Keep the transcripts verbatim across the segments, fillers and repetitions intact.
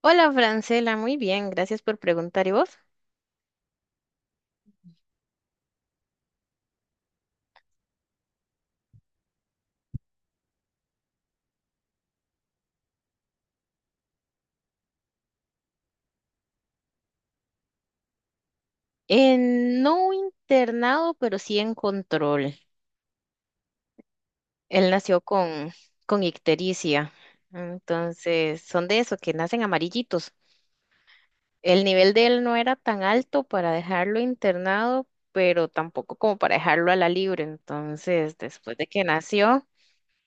Hola, Francela, muy bien, gracias por preguntar. ¿Y vos? En, no internado, pero sí en control. Él nació con, con ictericia, entonces son de eso, que nacen amarillitos. El nivel de él no era tan alto para dejarlo internado, pero tampoco como para dejarlo a la libre. Entonces, después de que nació,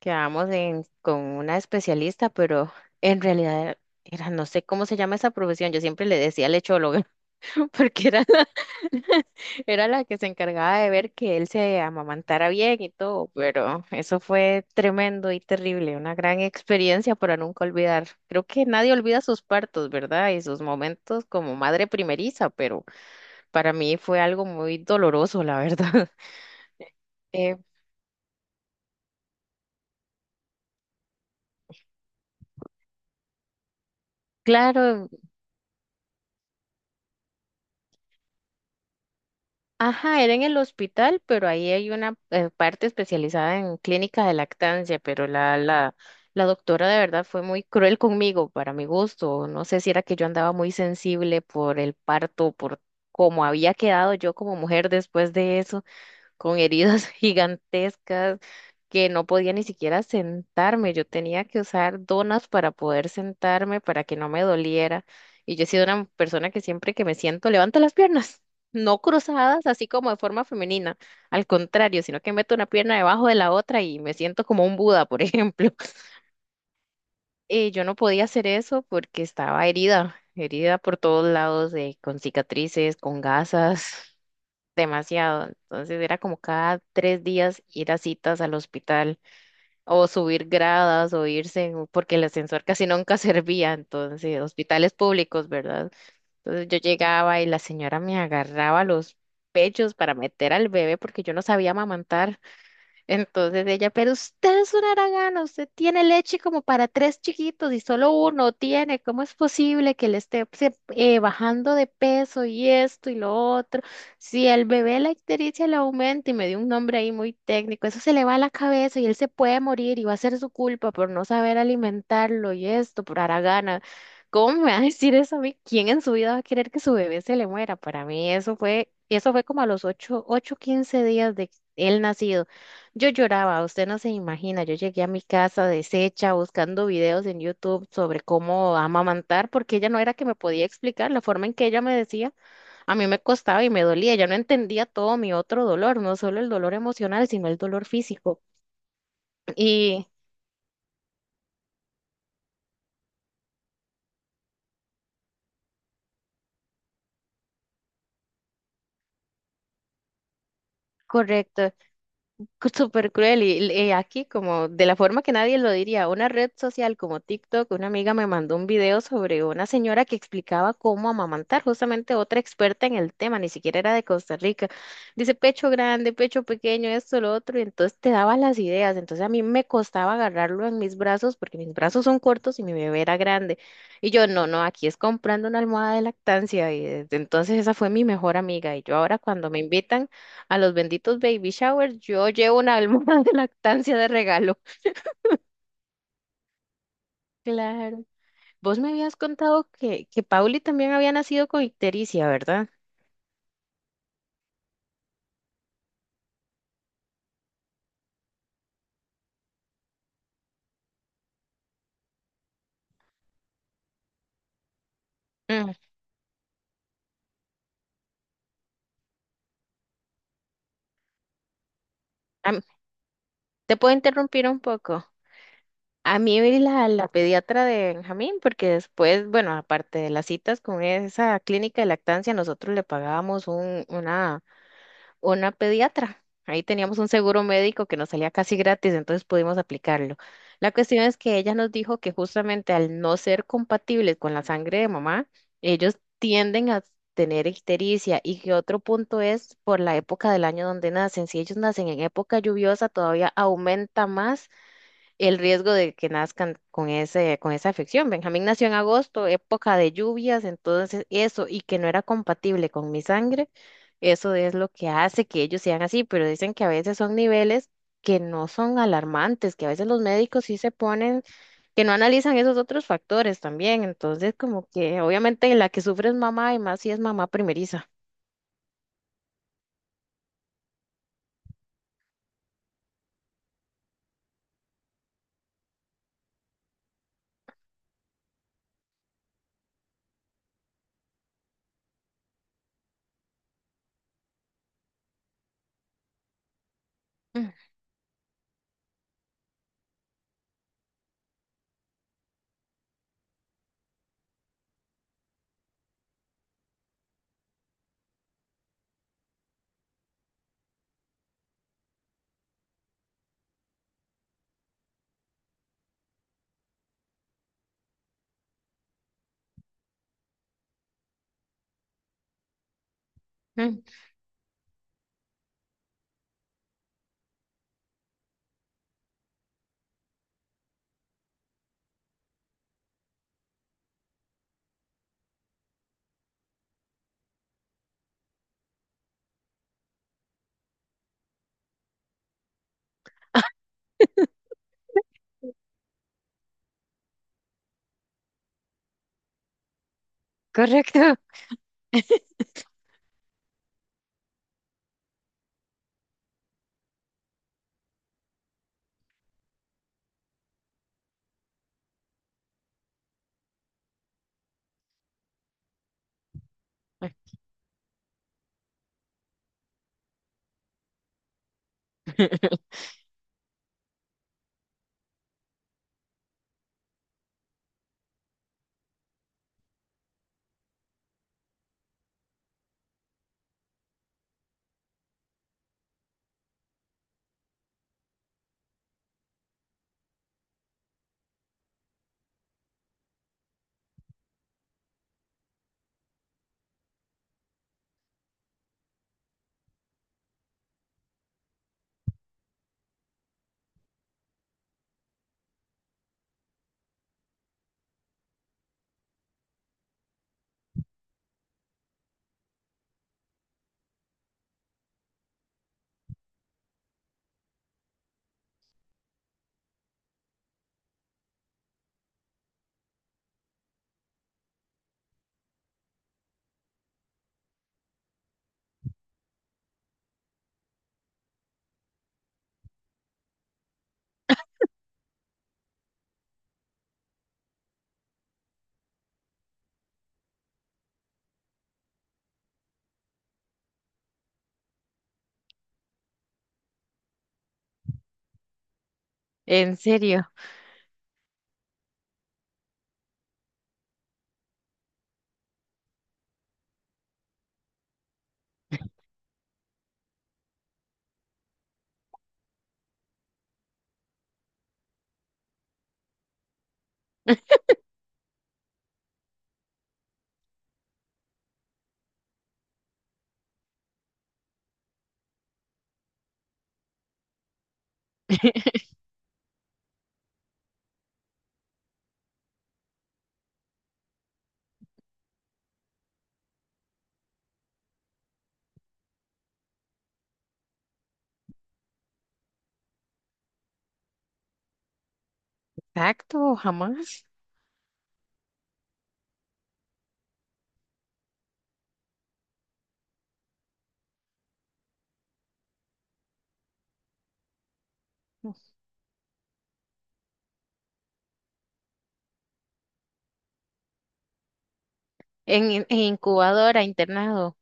quedamos en- con una especialista, pero en realidad era, no sé cómo se llama esa profesión, yo siempre le decía lechóloga. porque era la, Era la que se encargaba de ver que él se amamantara bien y todo, pero eso fue tremendo y terrible, una gran experiencia para nunca olvidar. Creo que nadie olvida sus partos, ¿verdad? Y sus momentos como madre primeriza, pero para mí fue algo muy doloroso, la verdad. Eh, claro. Ajá, era en el hospital, pero ahí hay una eh, parte especializada en clínica de lactancia, pero la, la, la doctora de verdad fue muy cruel conmigo, para mi gusto. No sé si era que yo andaba muy sensible por el parto, por cómo había quedado yo como mujer después de eso con heridas gigantescas que no podía ni siquiera sentarme. Yo tenía que usar donas para poder sentarme, para que no me doliera. Y yo he sido una persona que siempre que me siento levanto las piernas, no cruzadas, así como de forma femenina, al contrario, sino que meto una pierna debajo de la otra y me siento como un Buda, por ejemplo. Eh, yo no podía hacer eso porque estaba herida, herida por todos lados, eh, con cicatrices, con gasas demasiado. Entonces era como cada tres días ir a citas al hospital o subir gradas o irse, en- porque el ascensor casi nunca servía. Entonces, hospitales públicos, ¿verdad? Entonces yo llegaba y la señora me agarraba los pechos para meter al bebé porque yo no sabía amamantar. Entonces ella, pero usted es una haragana, usted tiene leche como para tres chiquitos y solo uno tiene, ¿cómo es posible que le esté se- eh, bajando de peso y esto y lo otro? Si el bebé la ictericia le aumenta y me dio un nombre ahí muy técnico, eso se le va a la cabeza y él se puede morir y va a ser su culpa por no saber alimentarlo y esto, por haragana. ¿Cómo me va a decir eso a mí? ¿Quién en su vida va a querer que su bebé se le muera? Para mí eso fue, eso fue como a los ocho, ocho, quince días de él nacido. Yo lloraba, usted no se imagina, yo llegué a mi casa deshecha buscando videos en YouTube sobre cómo amamantar, porque ella no era que me podía explicar la forma en que ella me decía, a mí me costaba y me dolía, ella no entendía todo mi otro dolor, no solo el dolor emocional, sino el dolor físico. Y correcto. Súper cruel y eh, aquí, como de la forma que nadie lo diría, una red social como TikTok, una amiga me mandó un video sobre una señora que explicaba cómo amamantar, justamente otra experta en el tema, ni siquiera era de Costa Rica. Dice pecho grande, pecho pequeño, esto, lo otro, y entonces te daba las ideas. Entonces a mí me costaba agarrarlo en mis brazos porque mis brazos son cortos y mi bebé era grande. Y yo, no, no, aquí es comprando una almohada de lactancia y desde entonces esa fue mi mejor amiga, y yo ahora cuando me invitan a los benditos baby showers, yo llevo una almohada de lactancia de regalo. Claro. Vos me habías contado que, que, Pauli también había nacido con ictericia, ¿verdad? Mm, am- Te puedo interrumpir un poco. A mí la, la pediatra de Benjamín, porque después, bueno, aparte de las citas con esa clínica de lactancia, nosotros le pagábamos un, una una pediatra. Ahí teníamos un seguro médico que nos salía casi gratis, entonces pudimos aplicarlo. La cuestión es que ella nos dijo que justamente al no ser compatibles con la sangre de mamá, ellos tienden a tener ictericia y que otro punto es por la época del año donde nacen. Si ellos nacen en época lluviosa, todavía aumenta más el riesgo de que nazcan con ese, con esa afección. Benjamín nació en agosto, época de lluvias, entonces eso, y que no era compatible con mi sangre, eso es lo que hace que ellos sean así, pero dicen que a veces son niveles que no son alarmantes, que a veces los médicos sí se ponen, que no analizan esos otros factores también, entonces como que obviamente la que sufre es mamá y más si es mamá primeriza. Ujú, correcto. En serio. Exacto, jamás. En, in- en incubadora, internado.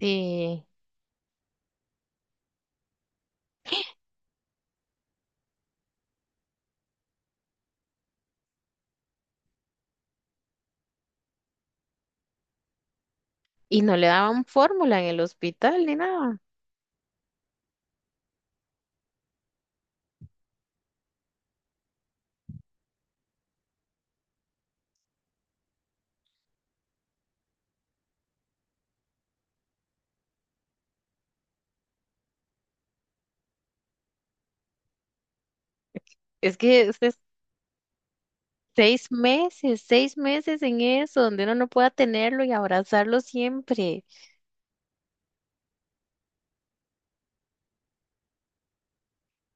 Y Y no le daban fórmula en el hospital ni nada. Es que es es seis meses, seis meses en eso, donde uno no pueda tenerlo y abrazarlo siempre.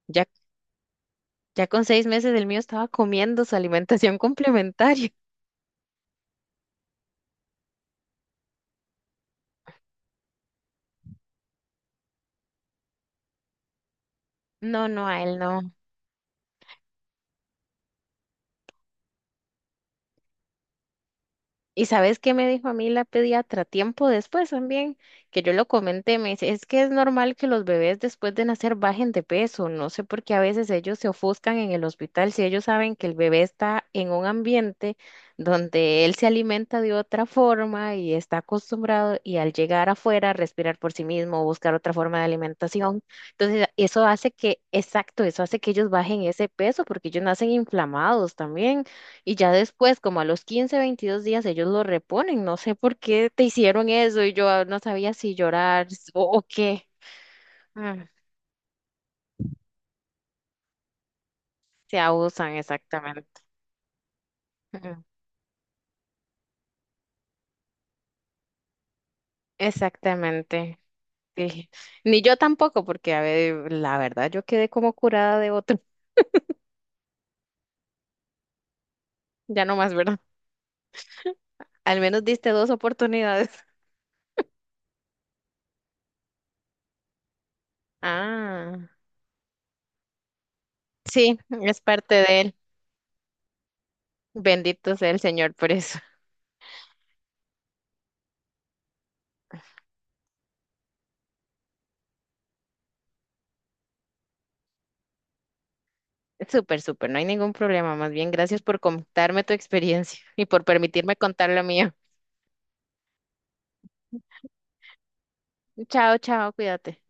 Ya, ya con seis meses el mío estaba comiendo su alimentación complementaria. No, no, a él no. ¿Y sabes qué me dijo a mí la pediatra tiempo después también? Que yo lo comenté, me dice, es que es normal que los bebés después de nacer bajen de peso, no sé por qué a veces ellos se ofuscan en el hospital si ellos saben que el bebé está en un ambiente donde él se alimenta de otra forma y está acostumbrado y al llegar afuera respirar por sí mismo, buscar otra forma de alimentación. Entonces, eso hace que, exacto, eso hace que ellos bajen ese peso porque ellos nacen inflamados también. Y ya después, como a los quince veintidós días, ellos lo reponen. No sé por qué te hicieron eso y yo ah, no sabía si llorar s- o, o qué. Ah, se abusan, exactamente. Mm, exactamente, sí. Ni yo tampoco, porque a ver, la verdad, yo quedé como curada de otro. Ya no más, ¿verdad? Al menos diste dos oportunidades. Ah, sí, es parte de él. Bendito sea el Señor por eso. Súper, súper, no hay ningún problema. Más bien, gracias por contarme tu experiencia y por permitirme contar la mía. Chao, chao, cuídate.